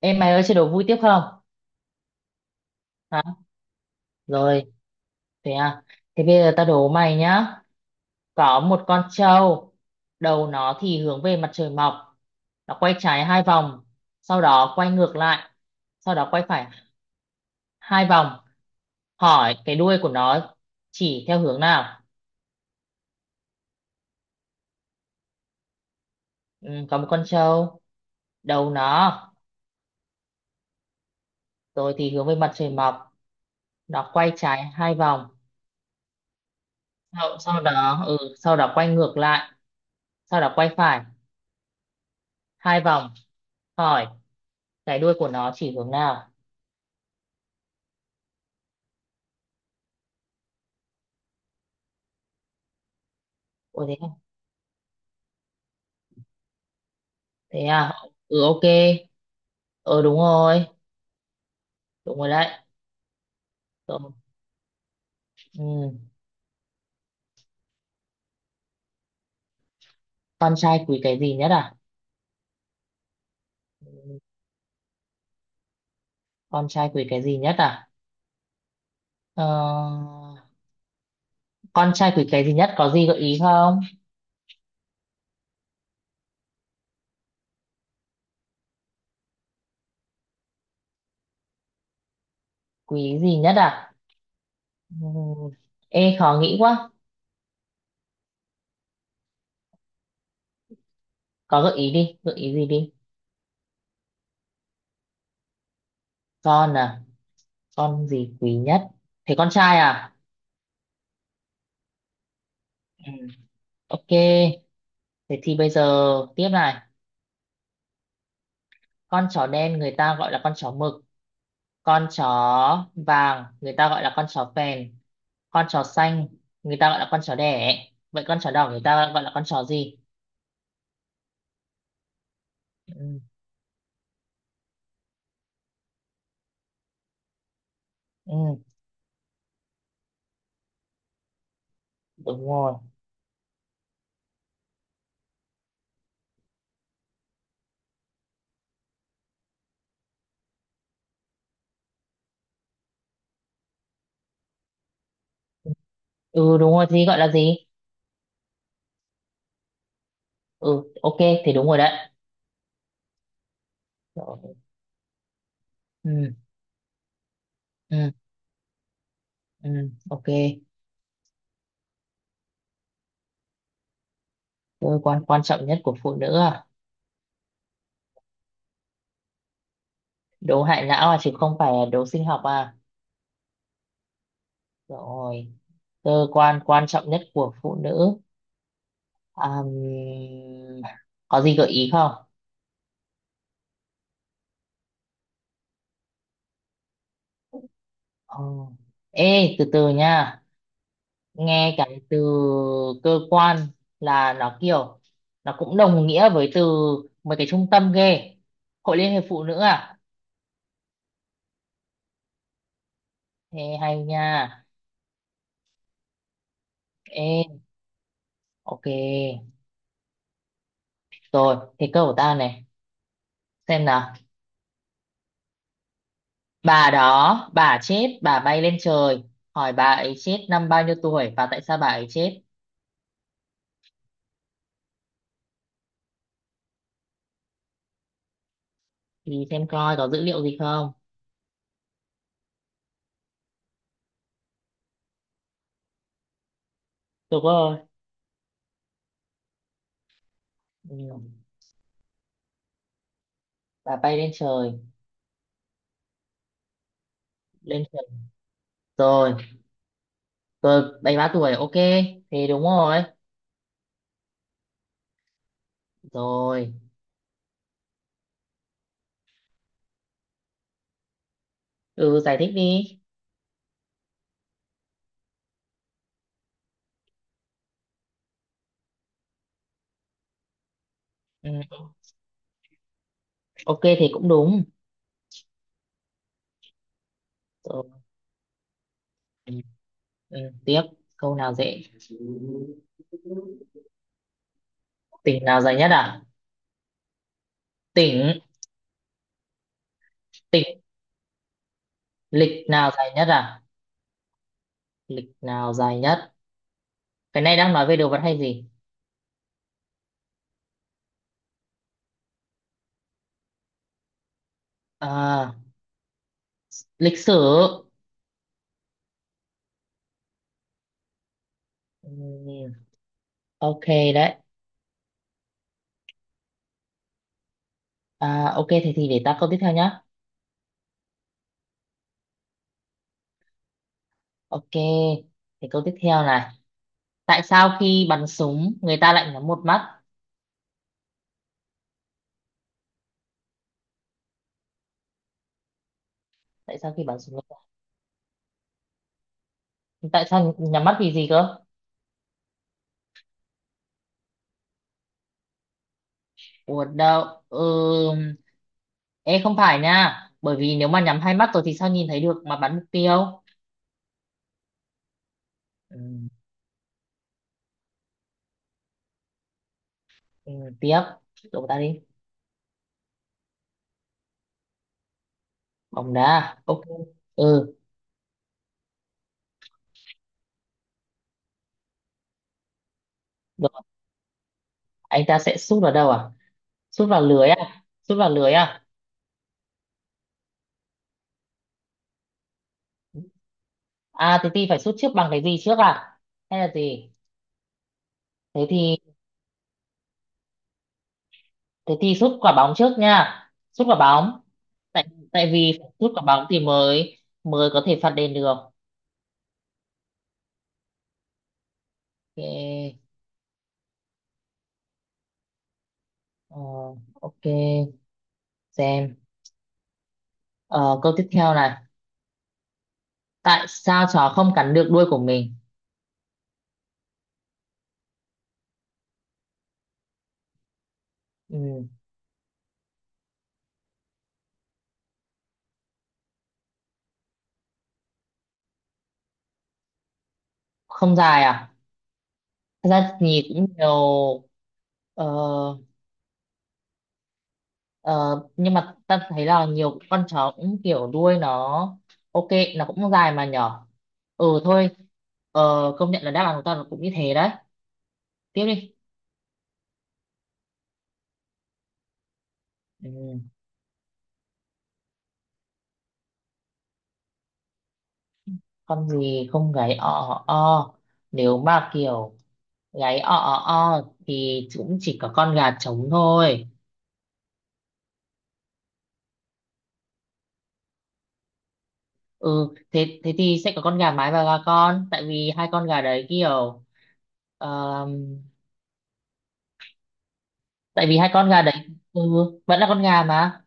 Em mày ơi chơi đố vui tiếp không? Hả? Rồi, thế à. Thế bây giờ tao đố mày nhá. Có một con trâu, đầu nó thì hướng về mặt trời mọc. Nó quay trái hai vòng, sau đó quay ngược lại, sau đó quay phải hai vòng. Hỏi cái đuôi của nó chỉ theo hướng nào? Ừ, có một con trâu, đầu nó rồi thì hướng về mặt trời mọc. Nó quay trái hai vòng, sau đó sau đó quay ngược lại, sau đó quay phải hai vòng. Hỏi cái đuôi của nó chỉ hướng nào? Ôi thế à? Thế à. Ừ, ok. Ờ Đúng rồi, đúng rồi đấy. Ừ. Ừ. Con trai quý cái gì nhất à? Ừ, con trai quý cái gì nhất à? ờ... con trai quý cái gì nhất, có gì gợi ý không? Quý gì nhất à? Ừ. Ê, khó nghĩ quá. Có gợi ý đi, gợi ý gì đi. Con à? Con gì quý nhất? Thế con trai à? Ừ. Ok, thế thì bây giờ tiếp này. Con chó đen người ta gọi là con chó mực. Con chó vàng người ta gọi là con chó phèn. Con chó xanh người ta gọi là con chó đẻ. Vậy con chó đỏ người ta gọi là con chó gì? Ừ, ừ, đúng rồi. Ừ, đúng rồi, gì gọi là gì? Ừ, ok, thì đúng rồi đấy. Rồi. Ừ, ừ, ừ, ok. Cơ quan quan trọng nhất của phụ nữ à? Đố hại não à, chứ không phải là đố sinh học à? Rồi. Cơ quan quan trọng nhất của phụ nữ. Àm, có gì gợi ý không? Ờ. Ê, từ từ nha, nghe cái từ cơ quan là nó kiểu, nó cũng đồng nghĩa với từ mấy cái trung tâm ghê. Hội liên hiệp phụ nữ à? Ê hay nha. Ê, ok. Rồi, thế câu của ta này, xem nào. Bà đó, bà chết, bà bay lên trời. Hỏi bà ấy chết năm bao nhiêu tuổi và tại sao bà ấy chết? Thì xem coi có dữ liệu gì không. Đúng rồi. Ừ. Bà bay lên trời, lên trời. Rồi, tôi 73 tuổi, ok. Thì đúng rồi. Rồi, ừ, giải thích đi. Ừ. Ok thì cũng đúng. Rồi. Ừ. Ừ. Tiếp, câu nào dễ? Tỉnh nào dài nhất à? Tỉnh, tỉnh, lịch nào dài nhất à? Lịch nào dài nhất? Cái này đang nói về đồ vật hay gì? À, lịch sử. Ừ. Ok đấy. À, ok thì để ta câu tiếp theo nhá. Ok. Thì câu tiếp theo này. Tại sao khi bắn súng người ta lại nhắm một mắt? Tại sao khi bắn súng người ta... Tại sao nhắm mắt vì gì cơ? Ủa đâu, ừ... Ê không phải nha, bởi vì nếu mà nhắm hai mắt rồi thì sao nhìn thấy được mà bắn mục tiêu. Ừ. Ừ, tiếp, đổ ta đi. Bóng đá, ok. Ừ, rồi anh ta sẽ sút vào đâu à? Sút vào lưới à? Sút vào lưới à? À thế thì phải sút trước bằng cái gì trước à, hay là gì? Thế thì thế thì sút quả bóng trước nha. Sút quả bóng. Tại tại vì phải sút quả bóng thì mới mới có thể phạt đền được. Ok, ờ, ok, xem. Ờ, câu tiếp theo này. Tại sao chó không cắn được đuôi của mình? Ừ, không dài à? Thật ra thì cũng nhiều. ờ, ờ, nhưng mà ta thấy là nhiều con chó cũng kiểu đuôi nó, ok, nó cũng dài mà nhỏ. Ừ thôi. ờ, Công nhận là đáp án của ta nó cũng như thế đấy. Tiếp đi. Ừ. Con gì không gáy o o o? Nếu mà kiểu gáy o o o thì cũng chỉ có con gà trống thôi. Ừ thế thế thì sẽ có con gà mái và gà con, tại vì hai con gà đấy kiểu. ờm, Tại vì hai con gà đấy ừ, vẫn là con gà mà.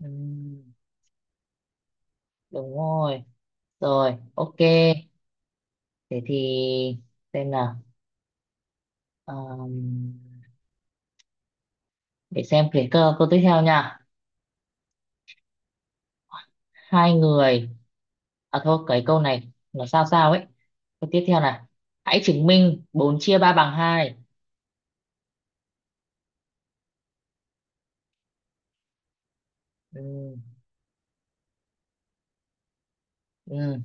Ừm, đúng rồi. Rồi, ok, thế thì xem nào. Ờm, để xem câu tiếp theo nha. Hai người À thôi, cái câu này nó sao sao ấy. Câu tiếp theo này. Hãy chứng minh 4 chia ba bằng hai. Ừ, ừ,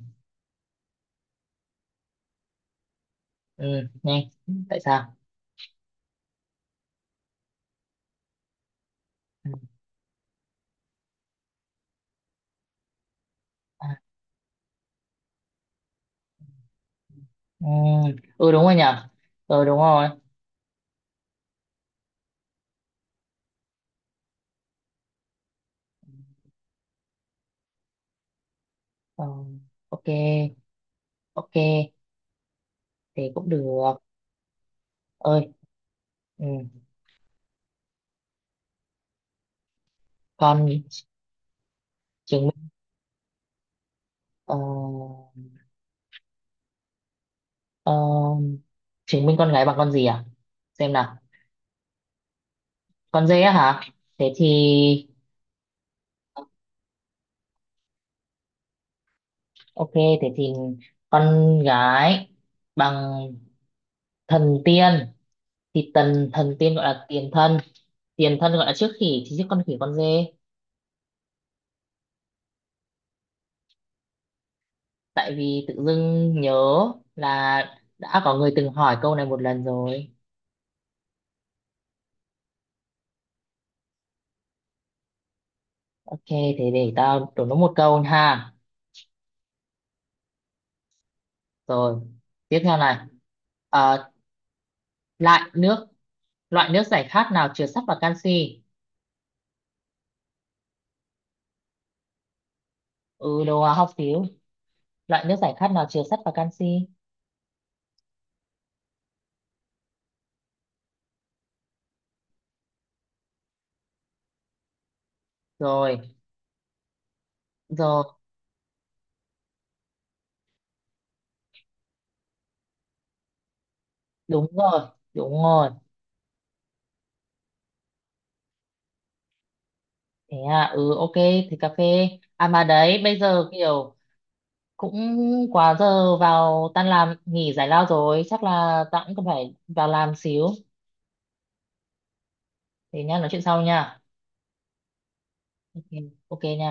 ừ, nhanh. Tại sao? Ừ, à, ừ, ừ, đúng rồi nhỉ? Ừ, đúng rồi. Ừ, ok, ok. Thế cũng được. Ơi, ừ. Con chứng minh... Ờ, ờ, Chứng minh con gái bằng con gì à? Xem nào. Con dê á hả? Thế thì... Ok, thế thì con gái bằng thần tiên, thì tần thần tiên gọi là tiền thân gọi là trước khỉ, thì trước con khỉ con dê. Tại vì tự dưng nhớ là đã có người từng hỏi câu này một lần rồi. Ok, thế để tao đổ nó một câu ha. Rồi, tiếp theo này. Ờ, lại nước, loại nước giải khát nào chứa sắt và canxi? Ừ, đồ hóa học xíu. Loại nước giải khát nào chứa sắt và canxi? Rồi, rồi. Đúng rồi, đúng rồi. Thế à. Ừ, ok, thì cà phê. À mà đấy, bây giờ kiểu cũng quá giờ vào tan làm nghỉ giải lao rồi, chắc là tao cũng cần phải vào làm xíu. Thế nha, nói chuyện sau nha. Ok. Ok nha.